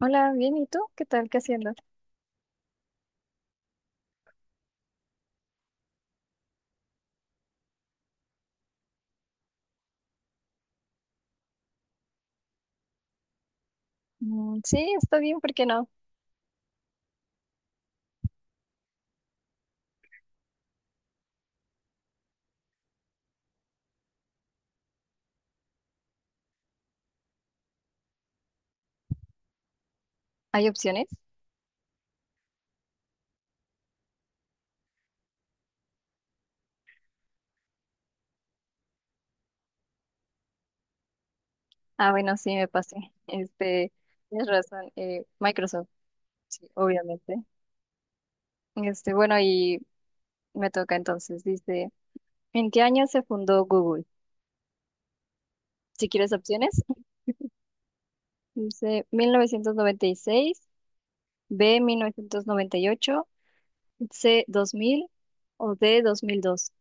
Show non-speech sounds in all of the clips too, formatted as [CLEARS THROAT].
Hola, bien, ¿y tú? ¿Qué tal? ¿Qué haciendo? Sí, está bien, ¿por qué no? ¿Hay opciones? Ah, bueno, sí, me pasé. Este, tienes razón, Microsoft, sí, obviamente. Este, bueno, y me toca entonces, dice, ¿en qué año se fundó Google? Si quieres opciones, [LAUGHS] dice 1996. B, 1998. C, 2000. O D, 2002.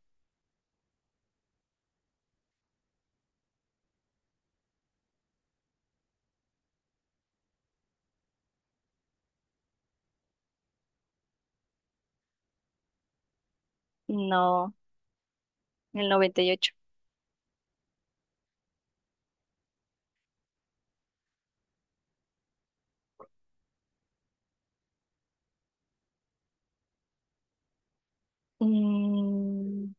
No, el 98. Mm,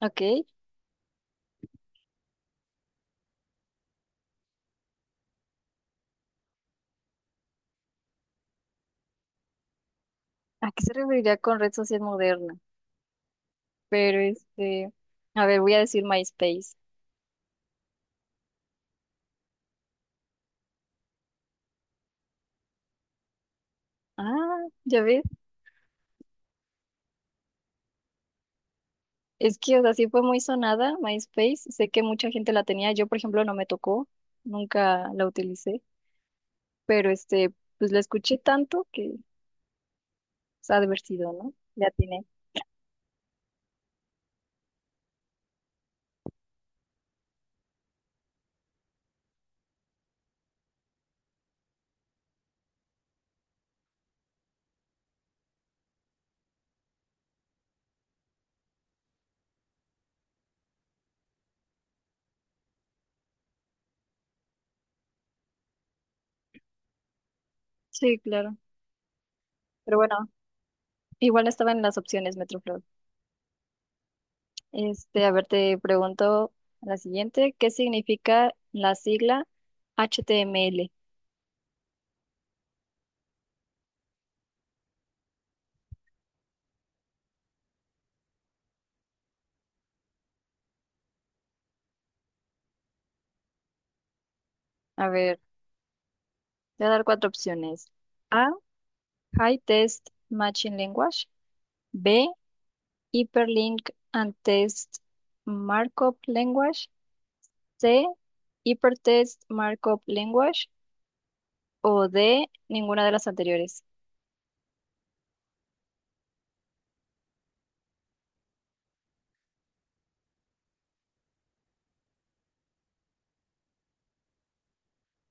ok. ¿A qué se referiría con red social moderna? Pero este, a ver, voy a decir MySpace. Ah, ya ves. Es que, o sea, sí fue muy sonada MySpace. Sé que mucha gente la tenía. Yo, por ejemplo, no me tocó. Nunca la utilicé. Pero este, pues la escuché tanto que se ha divertido, ¿no? La tiene. Sí, claro. Pero bueno, igual estaba en las opciones Metroflog. Este, a ver, te pregunto la siguiente. ¿Qué significa la sigla HTML? A ver, te voy a dar cuatro opciones. A, High Test Matching Language. B. Hyperlink and Test Markup Language. C. Hypertext Markup Language. O D. Ninguna de las anteriores.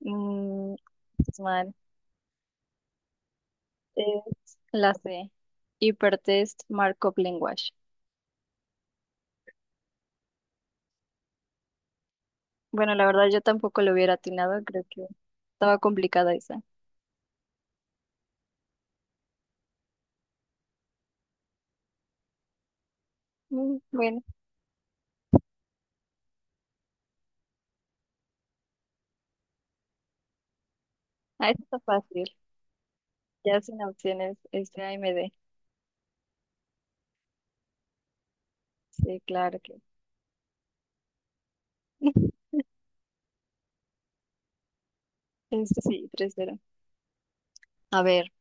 Mm, es mal. Es la C. Hypertext Markup Language. Bueno, la verdad yo tampoco lo hubiera atinado. Creo que estaba complicada esa. Mm, bueno, ah, esta está fácil. Ya sin opciones. Este AMD. Sí, claro que. [LAUGHS] Este sí, 3-0. A ver.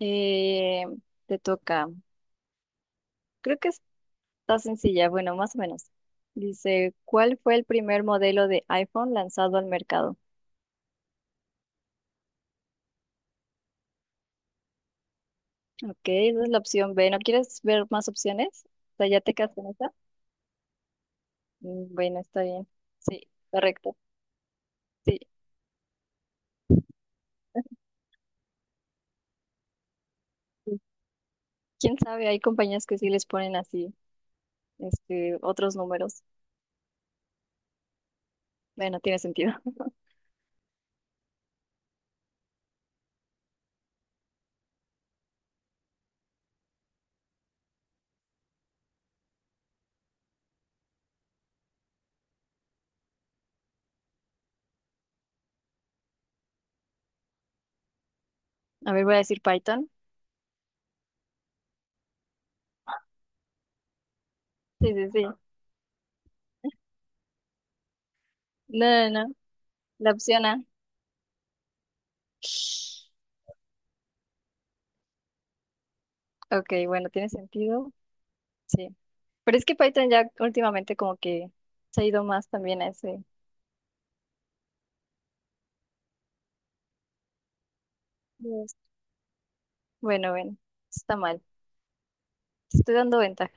Eh, te toca. Creo que está sencilla, bueno, más o menos. Dice, ¿cuál fue el primer modelo de iPhone lanzado al mercado? Ok, esa es la opción B. ¿No quieres ver más opciones? O sea, ¿ya te quedas con esa? Bueno, está bien. Sí, correcto. Sí. [LAUGHS] Sí. ¿Quién sabe? Hay compañías que sí les ponen así, este, otros números. Bueno, tiene sentido. [LAUGHS] A ver, voy a decir Python. Sí, sí, sí. No, no, no. La opción A. Ok, bueno, tiene sentido. Sí. Pero es que Python ya últimamente como que se ha ido más también a ese. Yes. Bueno, bueno, está mal. Te estoy dando ventaja.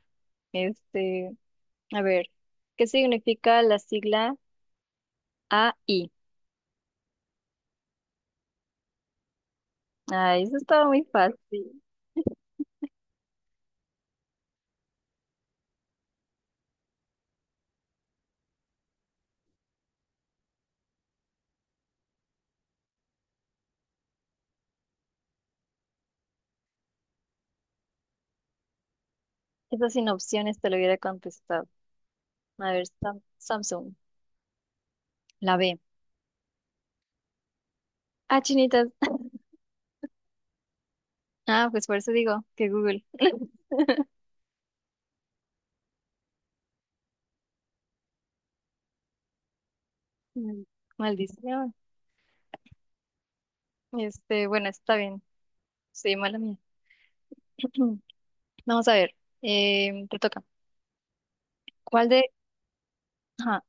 Este, a ver, ¿qué significa la sigla AI? Ay, eso estaba muy fácil. Esa sin opciones te lo hubiera contestado. A ver, Samsung, la B. Ah, chinitas. [LAUGHS] Ah, pues por eso digo que Google. [LAUGHS] Mm, Maldición. Este, bueno, está bien. Sí, mala mía. [CLEARS THROAT] Vamos a ver. Te toca. ¿Cuál de Ajá.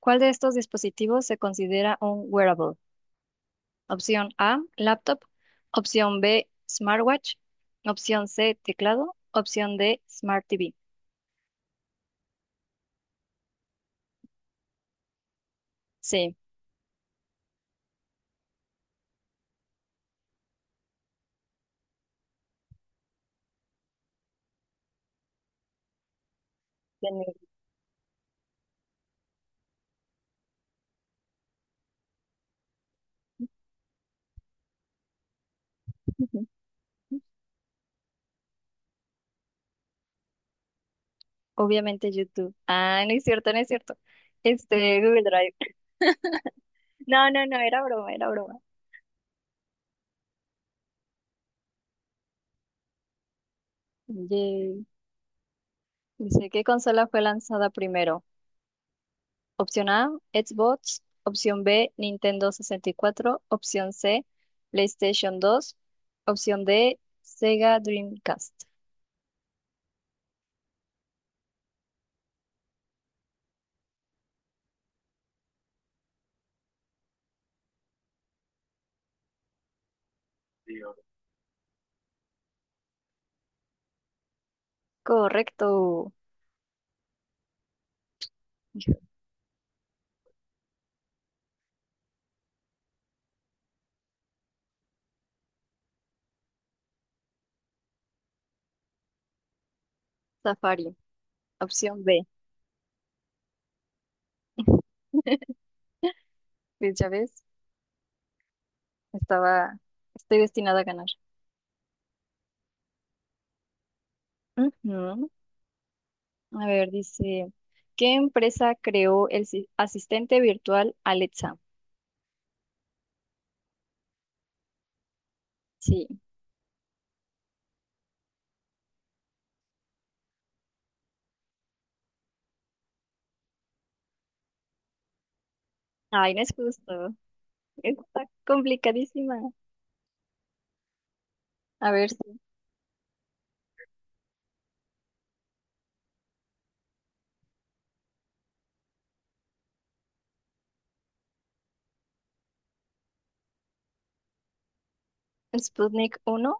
¿Cuál de estos dispositivos se considera un wearable? Opción A, laptop. Opción B, smartwatch. Opción C, teclado. Opción D, smart TV. Sí, tiene- [LAUGHS] obviamente YouTube. Ah, no es cierto, no es cierto. Este, Google Drive. [LAUGHS] No, no, no, era broma, era broma. Yay. Dice, ¿qué consola fue lanzada primero? Opción A, Xbox. Opción B, Nintendo 64. Opción C, PlayStation 2. Opción D, Sega Dreamcast. Correcto. Safari. Opción B. [LAUGHS] Pues ya ves, estaba, estoy destinada a ganar. Ujú. A ver, dice, ¿qué empresa creó el asistente virtual Alexa? Sí. Ay, no es justo. Está complicadísima. A ver, sí. ¿Sputnik 1?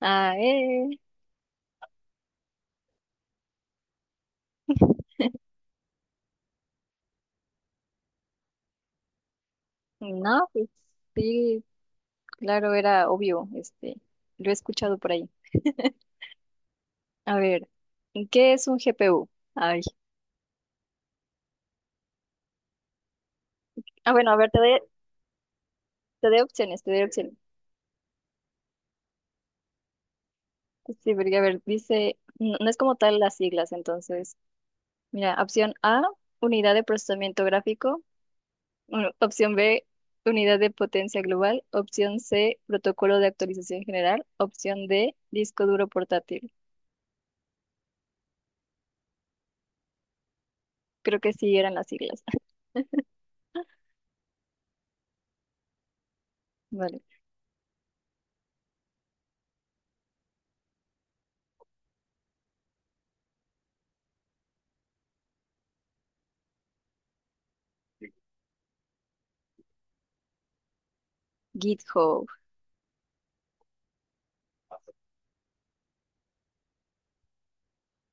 Ah, eh. No, pues sí, claro, era obvio, este, lo he escuchado por ahí. A ver, ¿qué es un GPU? Ay, ah, bueno, a ver, te doy opciones, te doy opciones. Sí, porque a ver, dice, no, no es como tal las siglas, entonces, mira, opción A, unidad de procesamiento gráfico, u- opción B, unidad de potencia global, opción C, protocolo de actualización general, opción D, disco duro portátil. Creo que sí eran las siglas. [LAUGHS] Vale. GitHub.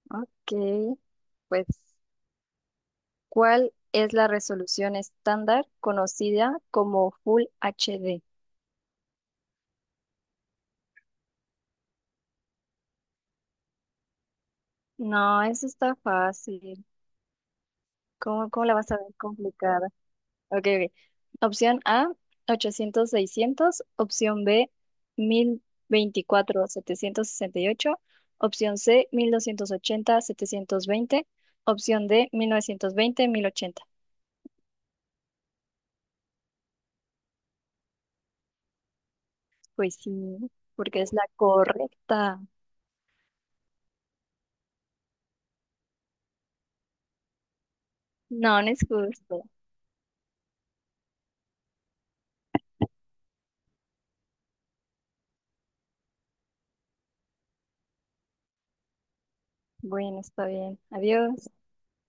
Ok, pues. ¿Cuál es la resolución estándar conocida como Full HD? No, eso está fácil. ¿Cómo, cómo la vas a ver complicada? Ok, ok. Opción A, 800-600. Opción B, 1024-768. Opción C, 1280-720. Opción D, 1920-1080. Pues sí, porque es la correcta. No, no es justo. Bueno, está bien. Adiós.